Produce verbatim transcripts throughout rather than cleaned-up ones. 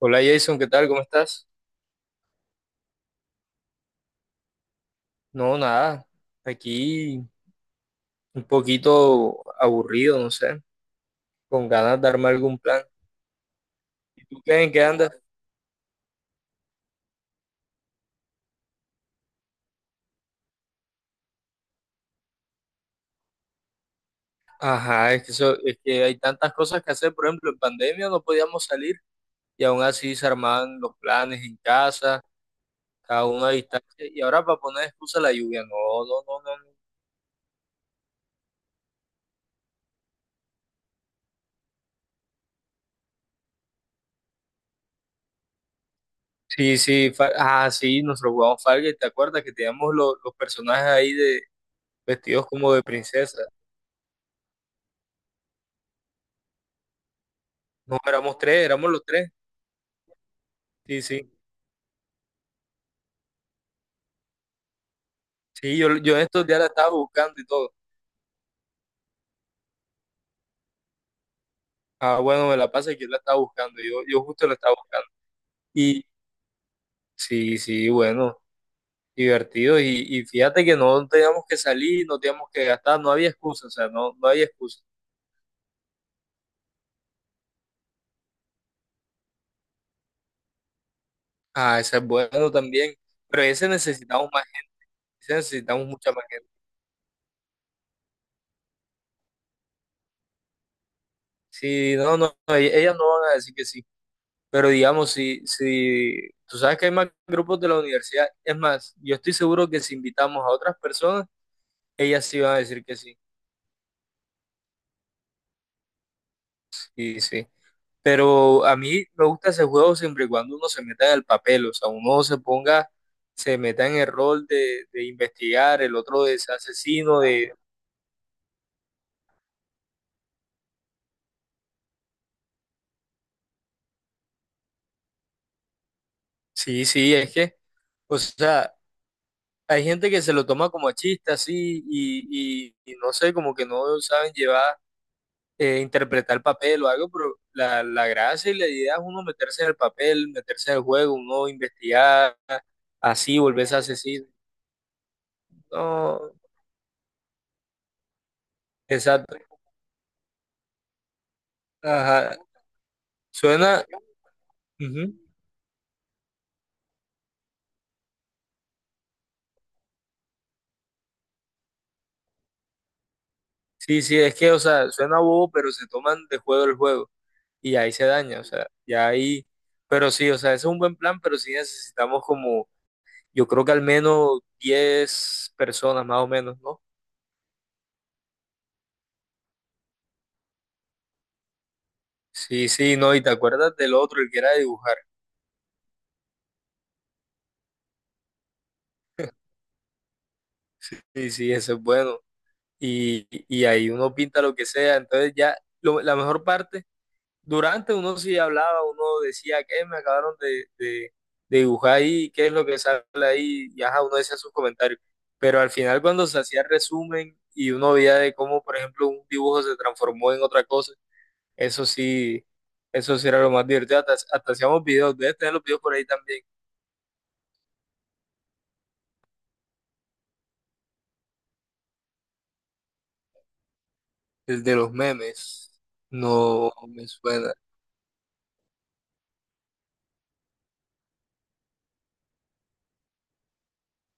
Hola Jason, ¿qué tal? ¿Cómo estás? No, nada. Aquí un poquito aburrido, no sé, con ganas de armar algún plan. ¿Y tú qué? ¿En qué andas? Ajá, es que, eso, es que hay tantas cosas que hacer. Por ejemplo, en pandemia no podíamos salir y aún así se armaban los planes en casa, cada uno a distancia. Y ahora para poner excusa la lluvia, no, no, no, no, no. Sí, sí, Fa- ah, sí, nosotros jugamos Falga, ¿te acuerdas que teníamos los, los personajes ahí de vestidos como de princesa? No, éramos tres, éramos los tres. Sí, sí. Sí, yo, yo en estos días la estaba buscando y todo. Ah, bueno, me la pasa que yo la estaba buscando. Yo, yo justo la estaba buscando. Y sí, sí, bueno, divertido. Y, y fíjate que no teníamos que salir, no teníamos que gastar, no había excusa, o sea, no, no había excusa. Ah, ese es bueno también. Pero ese necesitamos más, ese necesitamos mucha más gente. Sí, no, no, no, e- ellas no van a decir que sí. Pero digamos, si, si tú sabes que hay más grupos de la universidad, es más, yo estoy seguro que si invitamos a otras personas, ellas sí van a decir que sí. Sí, sí. Pero a mí me gusta ese juego siempre y cuando uno se meta en el papel, o sea, uno se ponga, se meta en el rol de, de investigar, el otro de ese asesino, de. Sí, sí, es que, o sea, hay gente que se lo toma como a chiste así y, y- y no sé, como que no saben llevar, eh, interpretar el papel o algo, pero la, la gracia y la idea es uno meterse en el papel, meterse en el juego, uno investigar, así, volverse asesino. No, exacto. Ajá. Suena. Ujú. Sí, sí, es que, o sea, suena bobo, pero se toman de juego el juego y ahí se daña, o sea, ya ahí, pero sí, o sea, ese es un buen plan, pero sí necesitamos como, yo creo que al menos diez personas más o menos, ¿no? Sí, sí, no, y te acuerdas del otro, el que era dibujar, sí, sí, ese es bueno, y, y ahí uno pinta lo que sea, entonces ya, lo- la mejor parte durante uno sí hablaba, uno decía que me acabaron de, de- de dibujar ahí, qué es lo que sale ahí, y ajá, uno decía sus comentarios. Pero al final cuando se hacía el resumen y uno veía de cómo, por ejemplo, un dibujo se transformó en otra cosa, eso sí, eso sí era lo más divertido. Hasta, hasta hacíamos videos, debes tener los videos por ahí también. El de los memes, no me suena.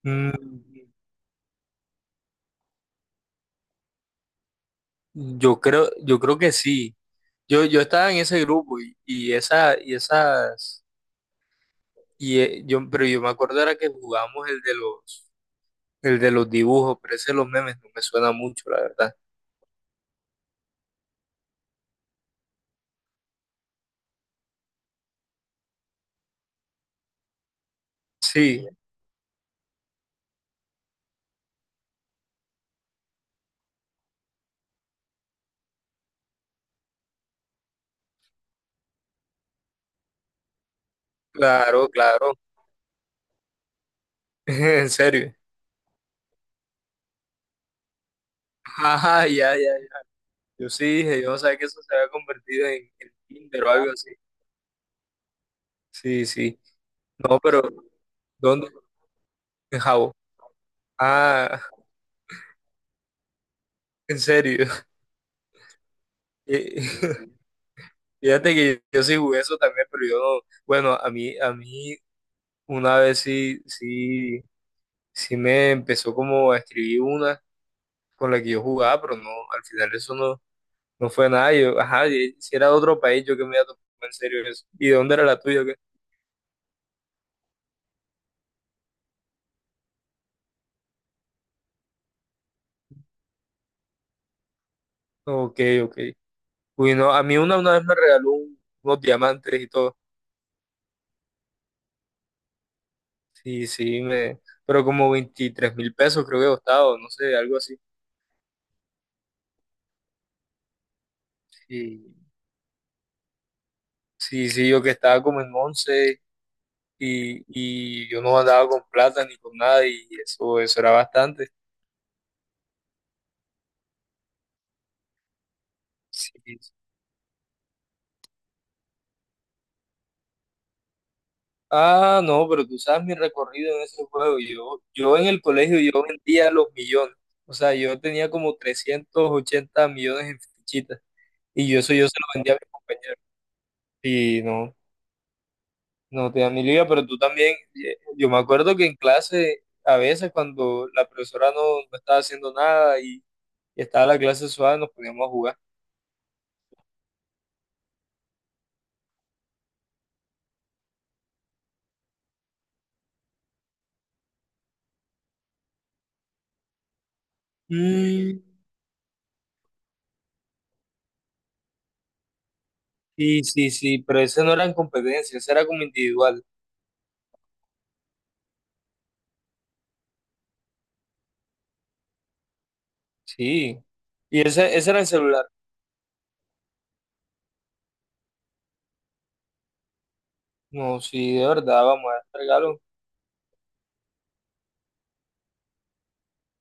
Mm, yo creo, yo creo que sí. Yo, yo estaba en ese grupo y, y, esa, y esas. Y eh, yo, pero yo me acuerdo era que jugamos el de los, el de los dibujos, pero ese de los memes no me suena mucho, la verdad. Sí, claro, claro. En serio. Ajá, ya, ya, ya. Yo sí dije, yo no sabía que eso se había convertido en, en Tinder o algo así. Sí, sí. No, pero ¿dónde? En Jabo. Ah, en serio. Eh, Fíjate que yo sí jugué eso también, pero yo no. Bueno, a mí, a mí una vez sí, sí, sí me empezó como a escribir una. Con la que yo jugaba, pero no, al final eso no, no fue nada. Yo, ajá, y si era de otro país, yo que me iba a tomar en serio eso. ¿Y de dónde era la tuya? ¿Qué? Ok, ok. Uy, no, a mí una, una vez me regaló un- unos diamantes y todo. Sí, sí, me, pero como veintitrés mil pesos creo que costaba, o no sé, algo así. Y, sí, sí, yo que estaba como en once y, y yo no andaba con plata ni con nada y eso, eso era bastante. Sí, ah, no, pero tú sabes mi recorrido en ese juego. Yo, yo en el colegio yo vendía los millones. O sea, yo tenía como trescientos ochenta millones en fichitas. Y yo eso yo se lo vendía a mis compañeros. Y no, no te dan ni liga, pero tú también, eh, yo me acuerdo que en clase, a veces cuando la profesora no, no estaba haciendo nada y, y estaba la clase suave, nos poníamos a jugar. Mm, sí, sí, sí, pero ese no era en competencia, ese era como individual. Sí. Y ese, ese era el celular. No, sí, de verdad, vamos a descargarlo.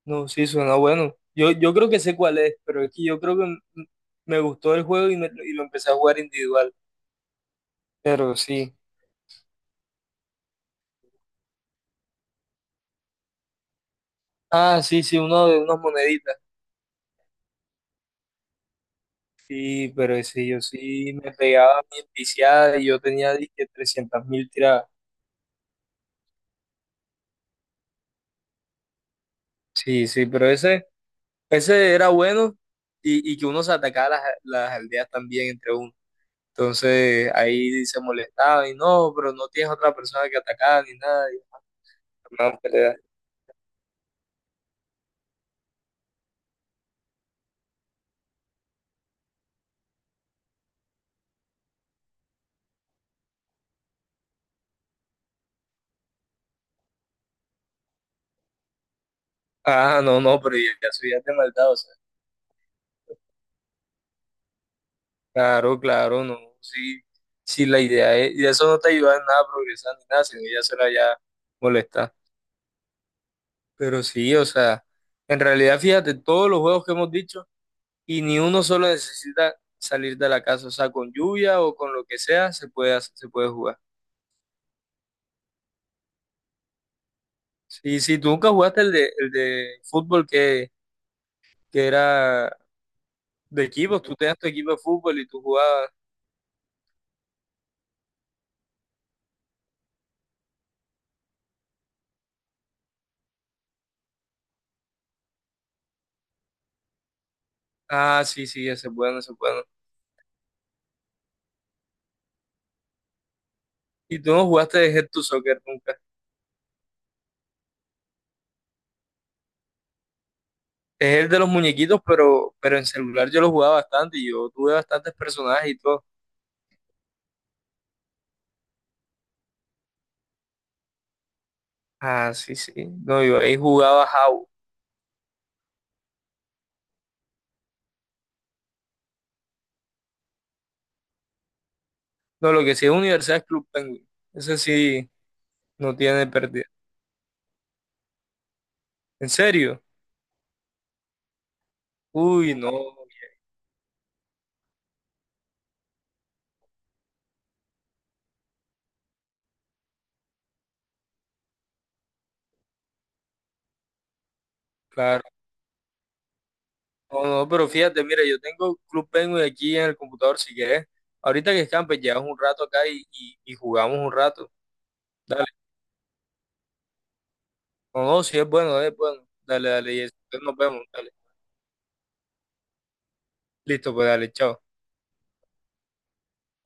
No, sí, suena bueno. Yo, yo creo que sé cuál es, pero es que yo creo que m- me gustó el juego y, me- y lo empecé a jugar individual. Pero sí. Ah, sí, sí, uno de unas moneditas. Sí, pero ese yo sí me pegaba mi viciada y yo tenía dizque trescientas mil tiradas. Sí, sí, pero ese, ese era bueno y, y que uno se atacaba las, las aldeas también entre uno. Entonces ahí se molestaba y no, pero no tienes otra persona que atacar ni nada. Y. Ah, no, no, pero ya, ya eso ya es de maldad, o sea. Claro, claro, no. Sí, sí, la idea es, y eso no te ayuda en nada a progresar ni nada, sino ya será ya molestar. Pero sí, o sea, en realidad, fíjate, todos los juegos que hemos dicho, y ni uno solo necesita salir de la casa, o sea, con lluvia o con lo que sea, se puede hacer- se puede jugar. Sí, sí, tú nunca jugaste el de, el de fútbol que, que era de equipos, tú tenías tu equipo de fútbol y tú jugabas. Ah, sí, sí, ese es bueno, ese es bueno. Y tú no jugaste de Head to Soccer nunca. Es el de los muñequitos, pero, pero en celular yo lo jugaba bastante y yo tuve bastantes personajes y todo. Ah, sí, sí. No, yo ahí jugaba How. No, lo que sí es Universidad es Club Penguin. Ese sí no tiene pérdida. ¿En serio? Uy, no, claro. No, no, pero fíjate, mira, yo tengo Club Penguin aquí en el computador si quieres. Ahorita que escampes, llevas un rato acá y, y, y jugamos un rato. Dale. No, no, sí es bueno, es bueno. Dale, dale, y nos vemos, dale. Listo, pues dale, chao.